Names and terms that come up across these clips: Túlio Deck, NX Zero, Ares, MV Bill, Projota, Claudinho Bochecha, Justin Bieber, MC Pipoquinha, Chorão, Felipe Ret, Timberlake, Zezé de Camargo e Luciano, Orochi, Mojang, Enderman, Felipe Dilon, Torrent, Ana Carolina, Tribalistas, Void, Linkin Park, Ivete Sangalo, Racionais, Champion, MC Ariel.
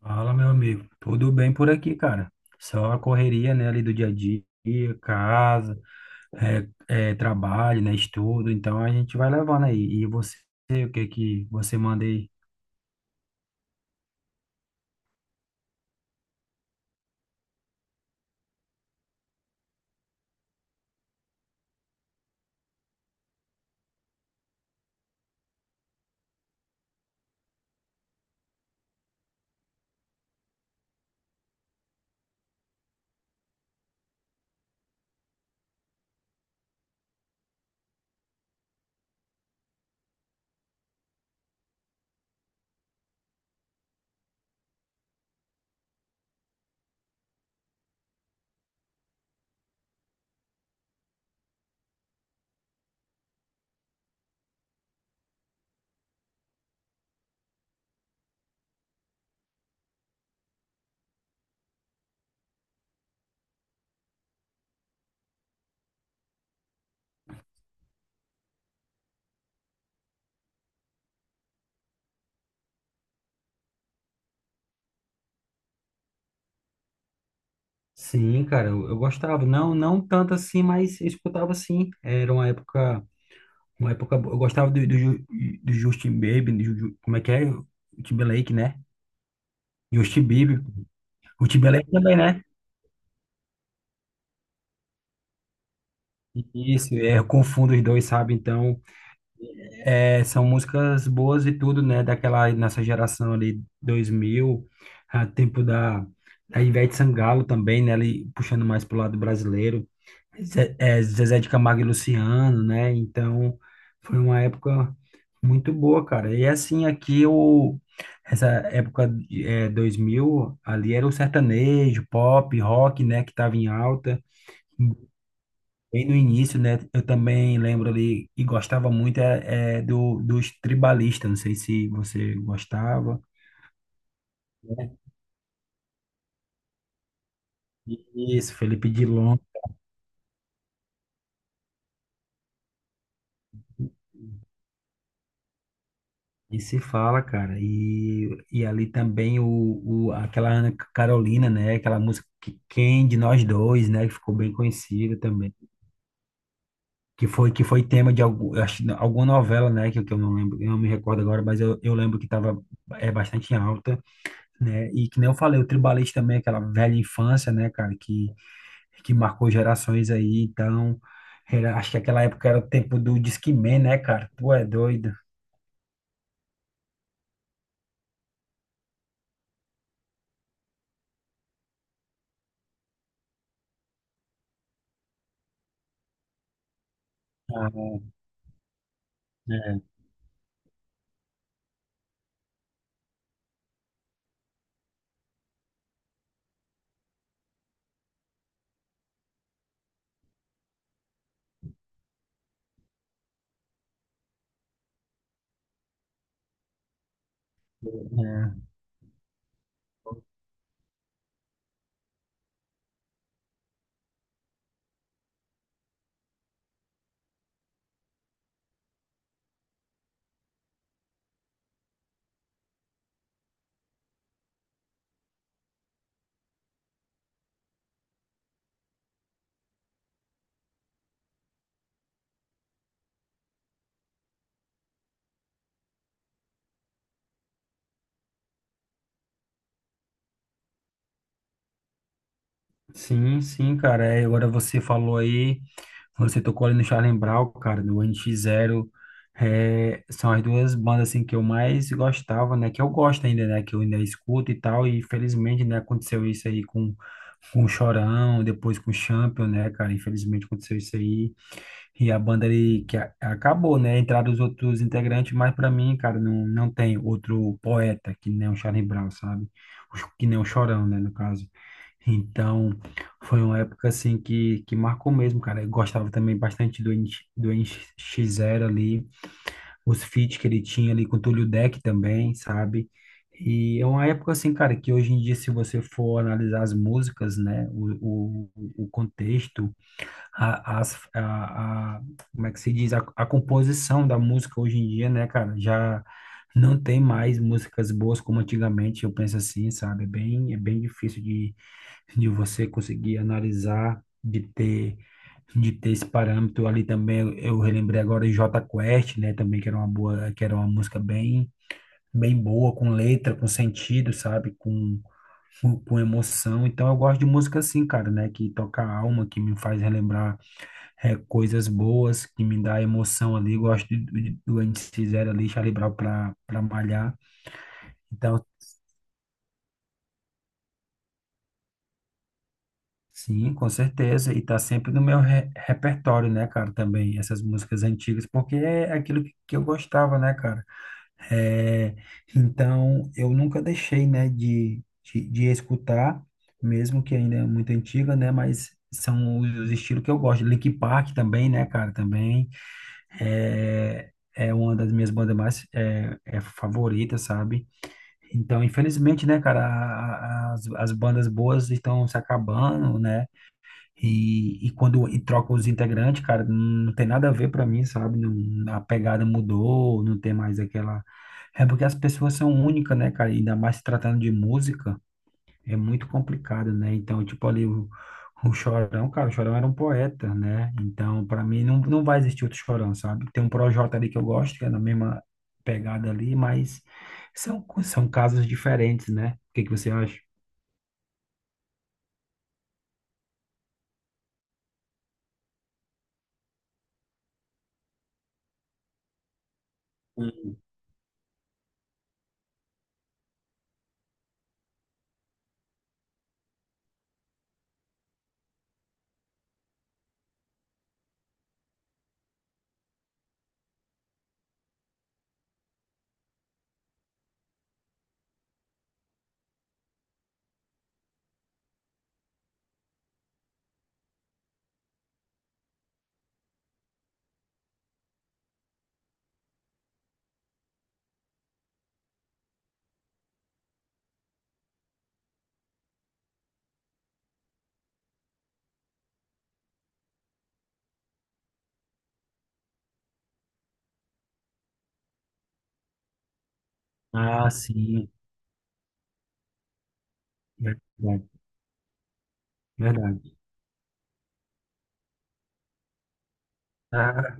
Fala, meu amigo. Tudo bem por aqui, cara? Só a correria, né, ali do dia a dia, casa, trabalho, né, estudo. Então a gente vai levando aí. E você, o que que você manda aí? Sim, cara, eu gostava. Não, não tanto assim, mas eu escutava sim. Era uma época boa. Eu gostava do Justin Bieber, como é que é? O Timberlake, né? Justin Bieber. O Timberlake também, né? Isso, eu confundo os dois, sabe? Então. É, são músicas boas e tudo, né? Daquela nossa geração ali, 2000, a tempo da Ivete Sangalo também, né? Ali puxando mais pro lado brasileiro. Zezé de Camargo e Luciano, né? Então, foi uma época muito boa, cara. E assim, aqui o essa época, 2000 ali era o sertanejo, pop, rock, né? Que tava em alta. Bem no início, né? Eu também lembro ali e gostava muito dos tribalistas. Não sei se você gostava, né? Isso, Felipe Dilon. E se fala, cara. E ali também aquela Ana Carolina, né? Aquela música que, Quem de Nós Dois, né? Que ficou bem conhecida também. Que foi tema de algum, eu acho, alguma novela, né? Que, eu não lembro, eu não me recordo agora, mas eu lembro que estava bastante em alta, né? E que nem eu falei, o Tribalista também, aquela velha infância, né, cara? Que marcou gerações aí, então, acho que aquela época era o tempo do Disque Man, né, cara? Tu é doido. Ah, é, é. Sim, sim, cara. Agora você falou aí, você tocou ali no Charlie Brown, cara, do NX Zero. É, são as duas bandas assim que eu mais gostava, né? Que eu gosto ainda, né? Que eu ainda escuto e tal. E infelizmente, né, aconteceu isso aí com o Chorão, depois com o Champion, né, cara? Infelizmente aconteceu isso aí. E a banda ali que acabou, né? Entraram os outros integrantes, mas para mim, cara, não, não tem outro poeta que nem o Charlie Brown, sabe? Que nem o Chorão, né, no caso. Então, foi uma época assim que marcou mesmo, cara. Eu gostava também bastante do NX0 ali, os feats que ele tinha ali com o Túlio Deck também, sabe? E é uma época assim, cara, que hoje em dia, se você for analisar as músicas, né, o contexto a, as- a- como é que se diz? A composição da música hoje em dia, né, cara? Já não tem mais músicas boas como antigamente, eu penso assim, sabe? É bem difícil de você conseguir analisar, de ter esse parâmetro ali também. Eu relembrei agora de Jota Quest, né, também, que era uma boa, que era uma música bem boa, com letra, com sentido, sabe? Com emoção. Então eu gosto de música assim, cara, né? Que toca a alma, que me faz relembrar coisas boas que me dá emoção ali. Gosto do NX Zero ali, Charlie Brown para malhar. Então, sim, com certeza. E tá sempre no meu repertório, né, cara, também, essas músicas antigas, porque é aquilo que eu gostava, né, cara? É, então, eu nunca deixei, né, de escutar, mesmo que ainda é muito antiga, né, mas são os estilos que eu gosto. Linkin Park também, né, cara, também. É uma das minhas bandas mais favorita, sabe? Então, infelizmente, né, cara, as bandas boas estão se acabando, né? E quando e troca os integrantes, cara, não tem nada a ver pra mim, sabe? Não, a pegada mudou, não tem mais aquela. É porque as pessoas são únicas, né, cara? Ainda mais se tratando de música é muito complicado, né? Então, tipo ali o Chorão, cara, o Chorão era um poeta, né? Então, para mim não, não vai existir outro Chorão, sabe? Tem um Projota ali que eu gosto, que é na mesma pegada ali, mas são são casos diferentes, né? O que que você acha? Hum. Ah, sim, verdade, verdade. Ah,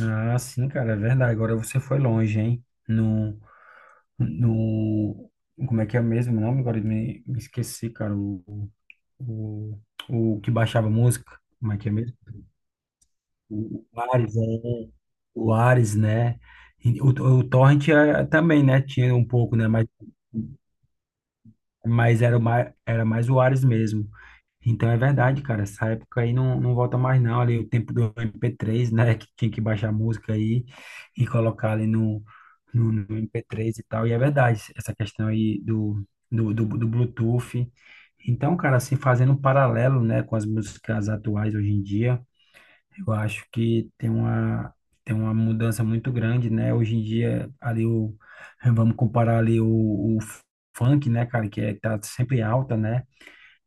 ah, sim, cara, é verdade. Agora você foi longe, hein? No, no, como é que é mesmo o nome? Agora eu me esqueci, cara. O, o que baixava música, como é que é mesmo? O Ares, o Ares, né? E o Torrent, também, né? Tinha um pouco, né? Mas era mais o Ares mesmo. Então é verdade, cara. Essa época aí não, não volta mais, não. Ali o tempo do MP3, né? Que tinha que baixar a música aí e colocar ali no MP3 e tal. E é verdade, essa questão aí do Bluetooth. Então, cara, assim, fazendo um paralelo, né, com as músicas atuais hoje em dia, eu acho que tem uma mudança muito grande, né? Hoje em dia, ali o. vamos comparar ali o funk, né, cara, que é, tá sempre alta, né?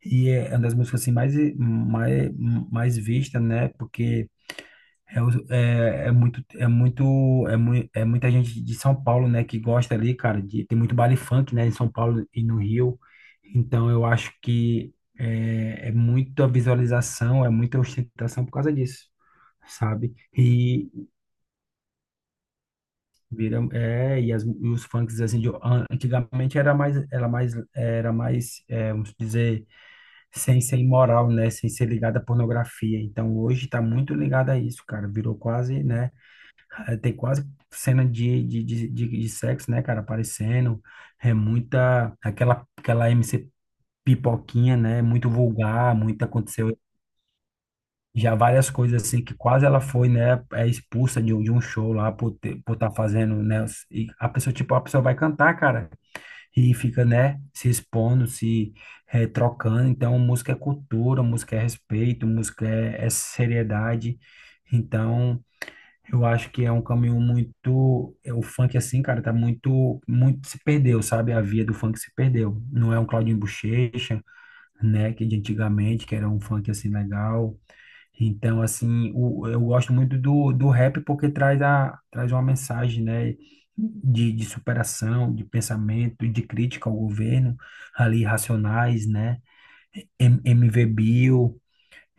E é uma das músicas assim mais vista, né? Porque muita gente de São Paulo, né, que gosta ali, cara, de tem muito baile funk, né, em São Paulo e no Rio. Então eu acho que é muita visualização, é muita ostentação por causa disso, sabe? E viram e os funks assim de antigamente era mais vamos dizer sem ser imoral, né? Sem ser ligada à pornografia. Então, hoje está muito ligado a isso, cara. Virou quase, né? Tem quase cena de sexo, né, cara? Aparecendo. É muita... Aquela MC pipoquinha, né? Muito vulgar, muito aconteceu... Já várias coisas assim que quase ela foi, né, é expulsa de um show lá por ter, por estar fazendo, né? E a pessoa, tipo, a pessoa vai cantar, cara e fica, né, se expondo, se trocando. Então, música é cultura, música é respeito, música é seriedade. Então, eu acho que é um caminho muito. O funk, assim, cara, tá muito, muito se perdeu, sabe? A via do funk se perdeu. Não é um Claudinho Bochecha, né, que é de antigamente, que era um funk assim legal. Então, assim, eu gosto muito do rap porque traz uma mensagem, né, de superação, de pensamento, de crítica ao governo, ali, Racionais, né, MV Bill,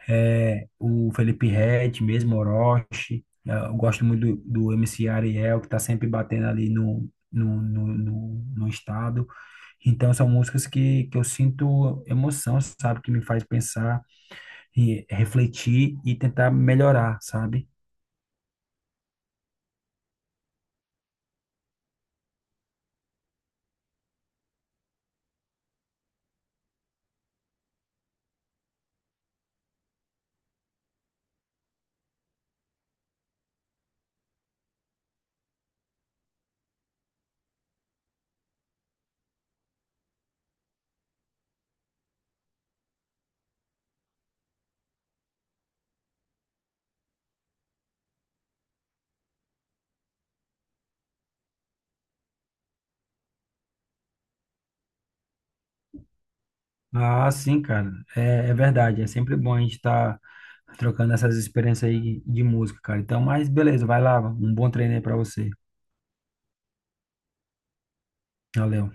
o Felipe Ret, mesmo Orochi. Eu gosto muito do MC Ariel, que está sempre batendo ali no estado. Então, são músicas que eu sinto emoção, sabe, que me faz pensar e refletir e tentar melhorar, sabe? Ah, sim, cara, é verdade. É sempre bom a gente estar trocando essas experiências aí de música, cara. Então, mas beleza, vai lá, um bom treino aí pra você. Valeu.